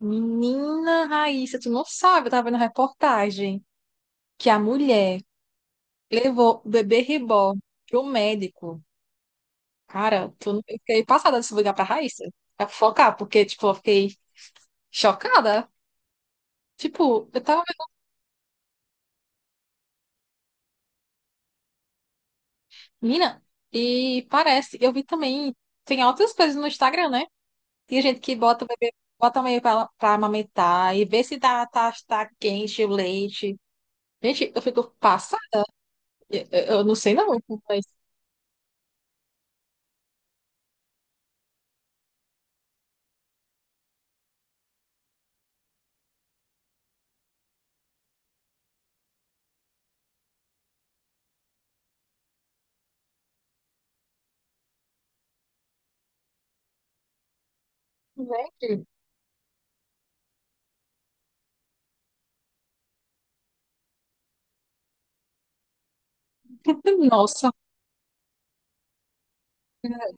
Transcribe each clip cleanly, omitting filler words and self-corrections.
Menina Raíssa, tu não sabe, eu tava vendo a reportagem que a mulher levou o bebê Reborn pro médico. Cara, tu, eu fiquei passada de se ligar pra Raíssa, pra focar, porque, tipo, eu fiquei chocada. Tipo, eu tava vendo, menina, e parece, eu vi também, tem outras coisas no Instagram, né? Tem gente que bota o bebê, bota meio pra amamentar e vê se tá quente o leite. Gente, eu fico passada, eu não sei não, mas, gente... Nossa, não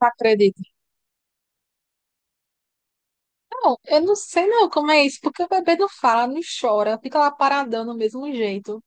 acredito. Não, eu não sei não como é isso, porque o bebê não fala, não chora, fica lá paradão do mesmo jeito.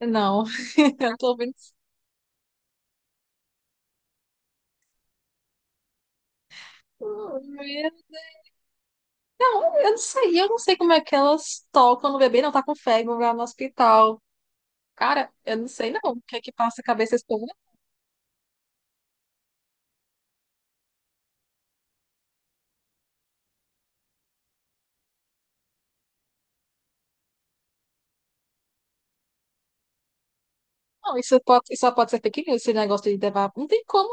Não, eu tô vendo. Eu eu não sei como é que elas tocam no bebê, não tá com febre, vai no hospital. Cara, eu não sei não, o que é que passa a cabeça desse povo? Não, isso pode, isso só pode ser fake news, esse negócio de levar. Não tem como,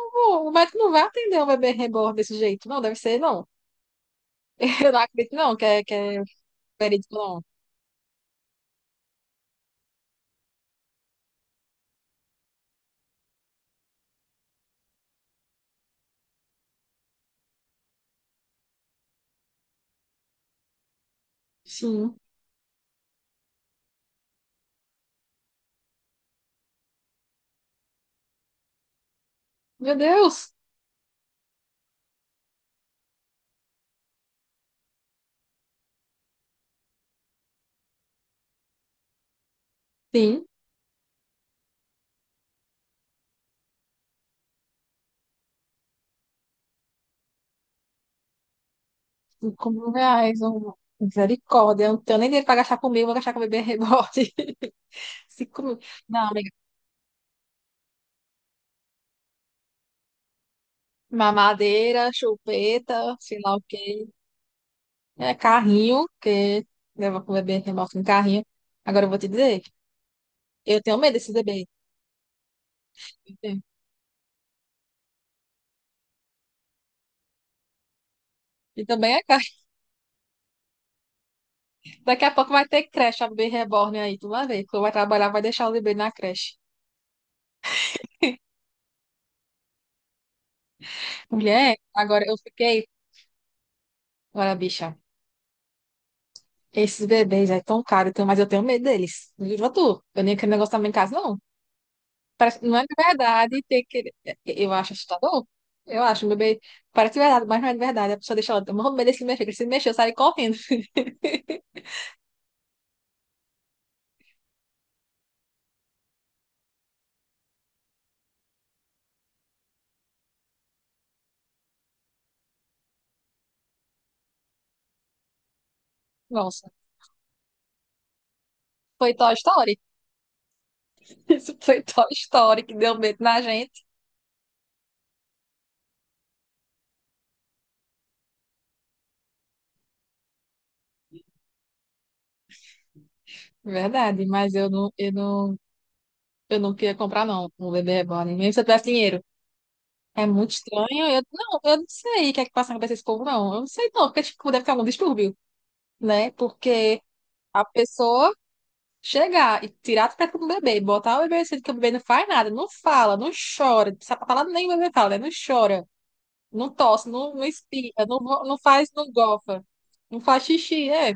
o médico não vai atender um bebê reborn desse jeito, não, deve ser não. Eu não acredito não, que é verídico não. Sim. Meu Deus. Sim. 5 mil reais, um, misericórdia. Eu não tenho nem dinheiro para gastar comigo, vou gastar com bebê rebote. 5 mil. Não, amiga. Mamadeira, chupeta, sei lá o quê. É, carrinho, que leva com o bebê rebote no carrinho. Agora eu vou te dizer, eu tenho medo desses bebês, eu tenho. E também é caro. Daqui a pouco vai ter creche, a bebê reborn aí, tu vai ver. Tu vai trabalhar, vai deixar o bebê na creche. Mulher, agora eu fiquei. Olha, bicha, esses bebês é tão caro, então, mas eu tenho medo deles. Viva tu. Eu nem aquele negócio também em casa, não. Parece, não é de verdade ter que. Eu acho assustador. Eu acho, meu bebê. Parece de verdade, mas não é de verdade. A pessoa deixa ela. Meu bebê se mexer, que se mexer, eu saio correndo. Nossa, foi Toy Story. Isso foi Toy Story que deu medo na gente. Verdade, mas eu não queria comprar, não. Um bebê reborn. Mesmo se eu tivesse dinheiro. É muito estranho. Eu não sei o que é que passa na cabeça desse povo, não. Eu não sei, não, porque tipo, deve ter algum distúrbio, né? Porque a pessoa. Chegar e tirar as pernas do bebê, botar o bebê assim, que o bebê não faz nada, não fala, não chora, não sabe falar nem o bebê fala, né? Não chora, não tosse, não, não espirra, não faz, não gofa, não faz xixi, é.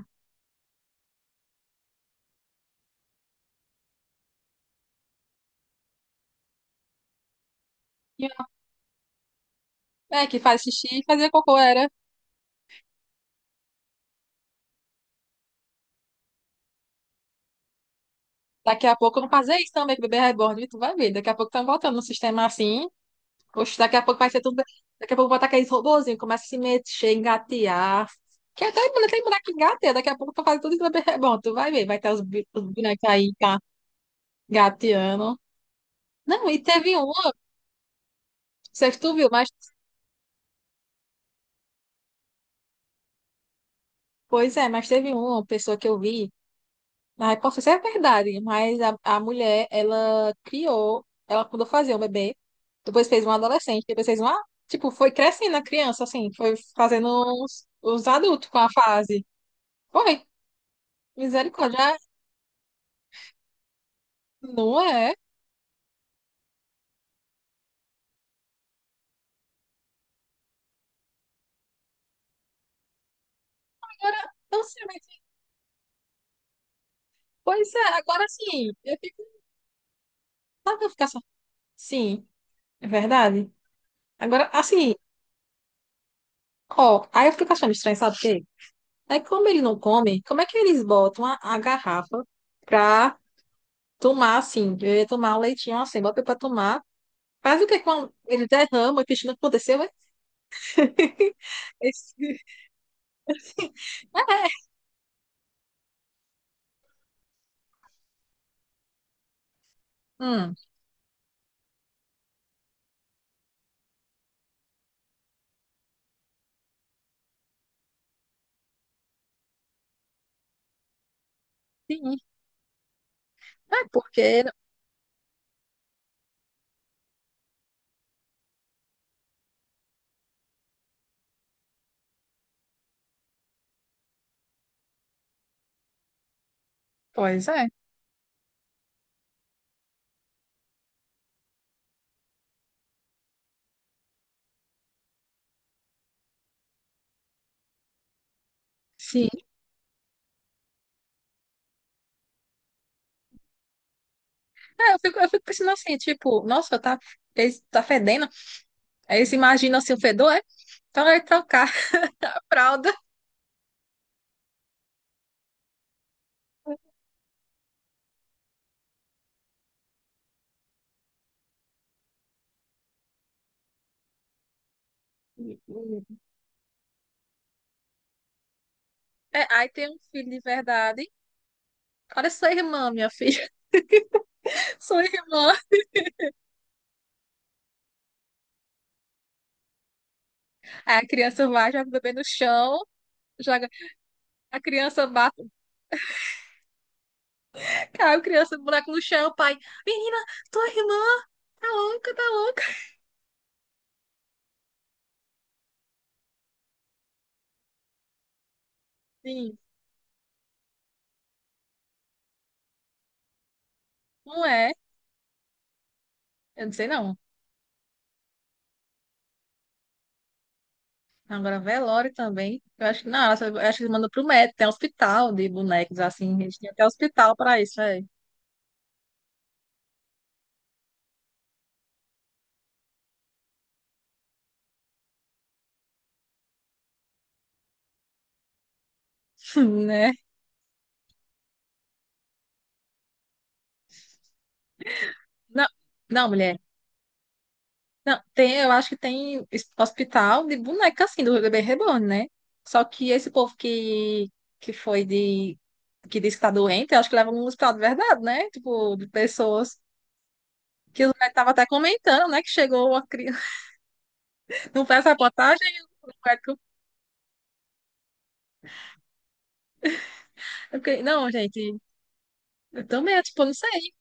É, que faz xixi e fazia cocô, era. Daqui a pouco não fazer isso também, que o bebê é reborn, e tu vai ver. Daqui a pouco estão voltando no sistema assim. Oxe, daqui a pouco vai ser tudo. Daqui a pouco botar aqueles robôzinhos, começa a se mexer, engatear. Que até mulher tem boneco que engateia, daqui a pouco tu faz tudo isso no bebê é reborn, tu vai ver. Vai ter os bonecos aí, tá? Gatiano, não, e teve um, não sei se tu viu, mas, pois é, mas teve uma pessoa que eu vi, na repórter, isso é verdade, mas a mulher, ela criou, ela mandou fazer um bebê, depois fez um adolescente, depois fez uma, tipo, foi crescendo a criança, assim, foi fazendo os adultos com a fase. Foi, misericórdia, não é? Agora, não sei, mas, pois é, agora sim, eu fico, sabe, eu fico assim, sim, é verdade. Agora, assim, ó, aí eu fico achando estranho, sabe o quê? Aí, como ele não come, como é que eles botam a garrafa pra tomar assim? Eu ia tomar um leitinho assim, bota pra tomar. Faz o que quando ele derrama, o que não aconteceu? É? Esse... Hum, sim. É porque. Pois é. Sim. É, eu fico pensando assim, tipo, nossa, tá, tá fedendo. Aí eles imaginam assim, o fedor, é? Então vai trocar a fralda. É, aí tem um filho de verdade. Olha sua irmã, minha filha. Sua irmã. Aí a criança vai, joga o bebê no chão. Joga a criança, bate, cai a criança, buraco no chão, o pai, menina, tua irmã, tá louca, tá louca. Sim, não é, eu não sei não. Agora, velório também, eu acho que não, eu acho que manda pro médico, tem hospital de bonecos, assim, a gente tem até hospital pra isso, é. Né? Não, não, mulher, não, tem, eu acho que tem hospital de boneca, assim, do bebê reborn, né? Só que esse povo que foi de, que diz que tá doente, eu acho que leva um hospital de verdade, né? Tipo, de pessoas. Que o Zé tava até comentando, né? Que chegou a criança. Não fez a reportagem. Né, eu fiquei, não, gente. Eu também, tipo, eu não sei.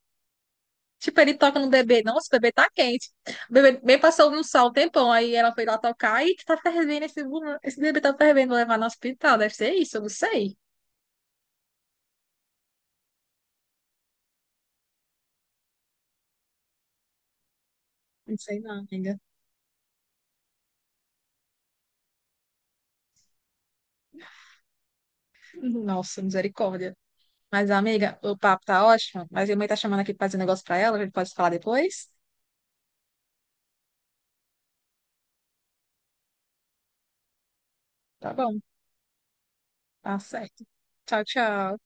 Tipo, ele toca no bebê. Nossa, o bebê tá quente. O bebê bem passou no sol um tempão. Aí ela foi lá tocar e tá fervendo esse, esse bebê tá fervendo. Vou levar no hospital. Deve ser isso, eu não sei. Não sei não, amiga. Nossa, misericórdia. Mas, amiga, o papo tá ótimo. Mas minha mãe tá chamando aqui pra fazer um negócio pra ela. A gente pode falar depois? Tá bom, tá certo. Tchau, tchau.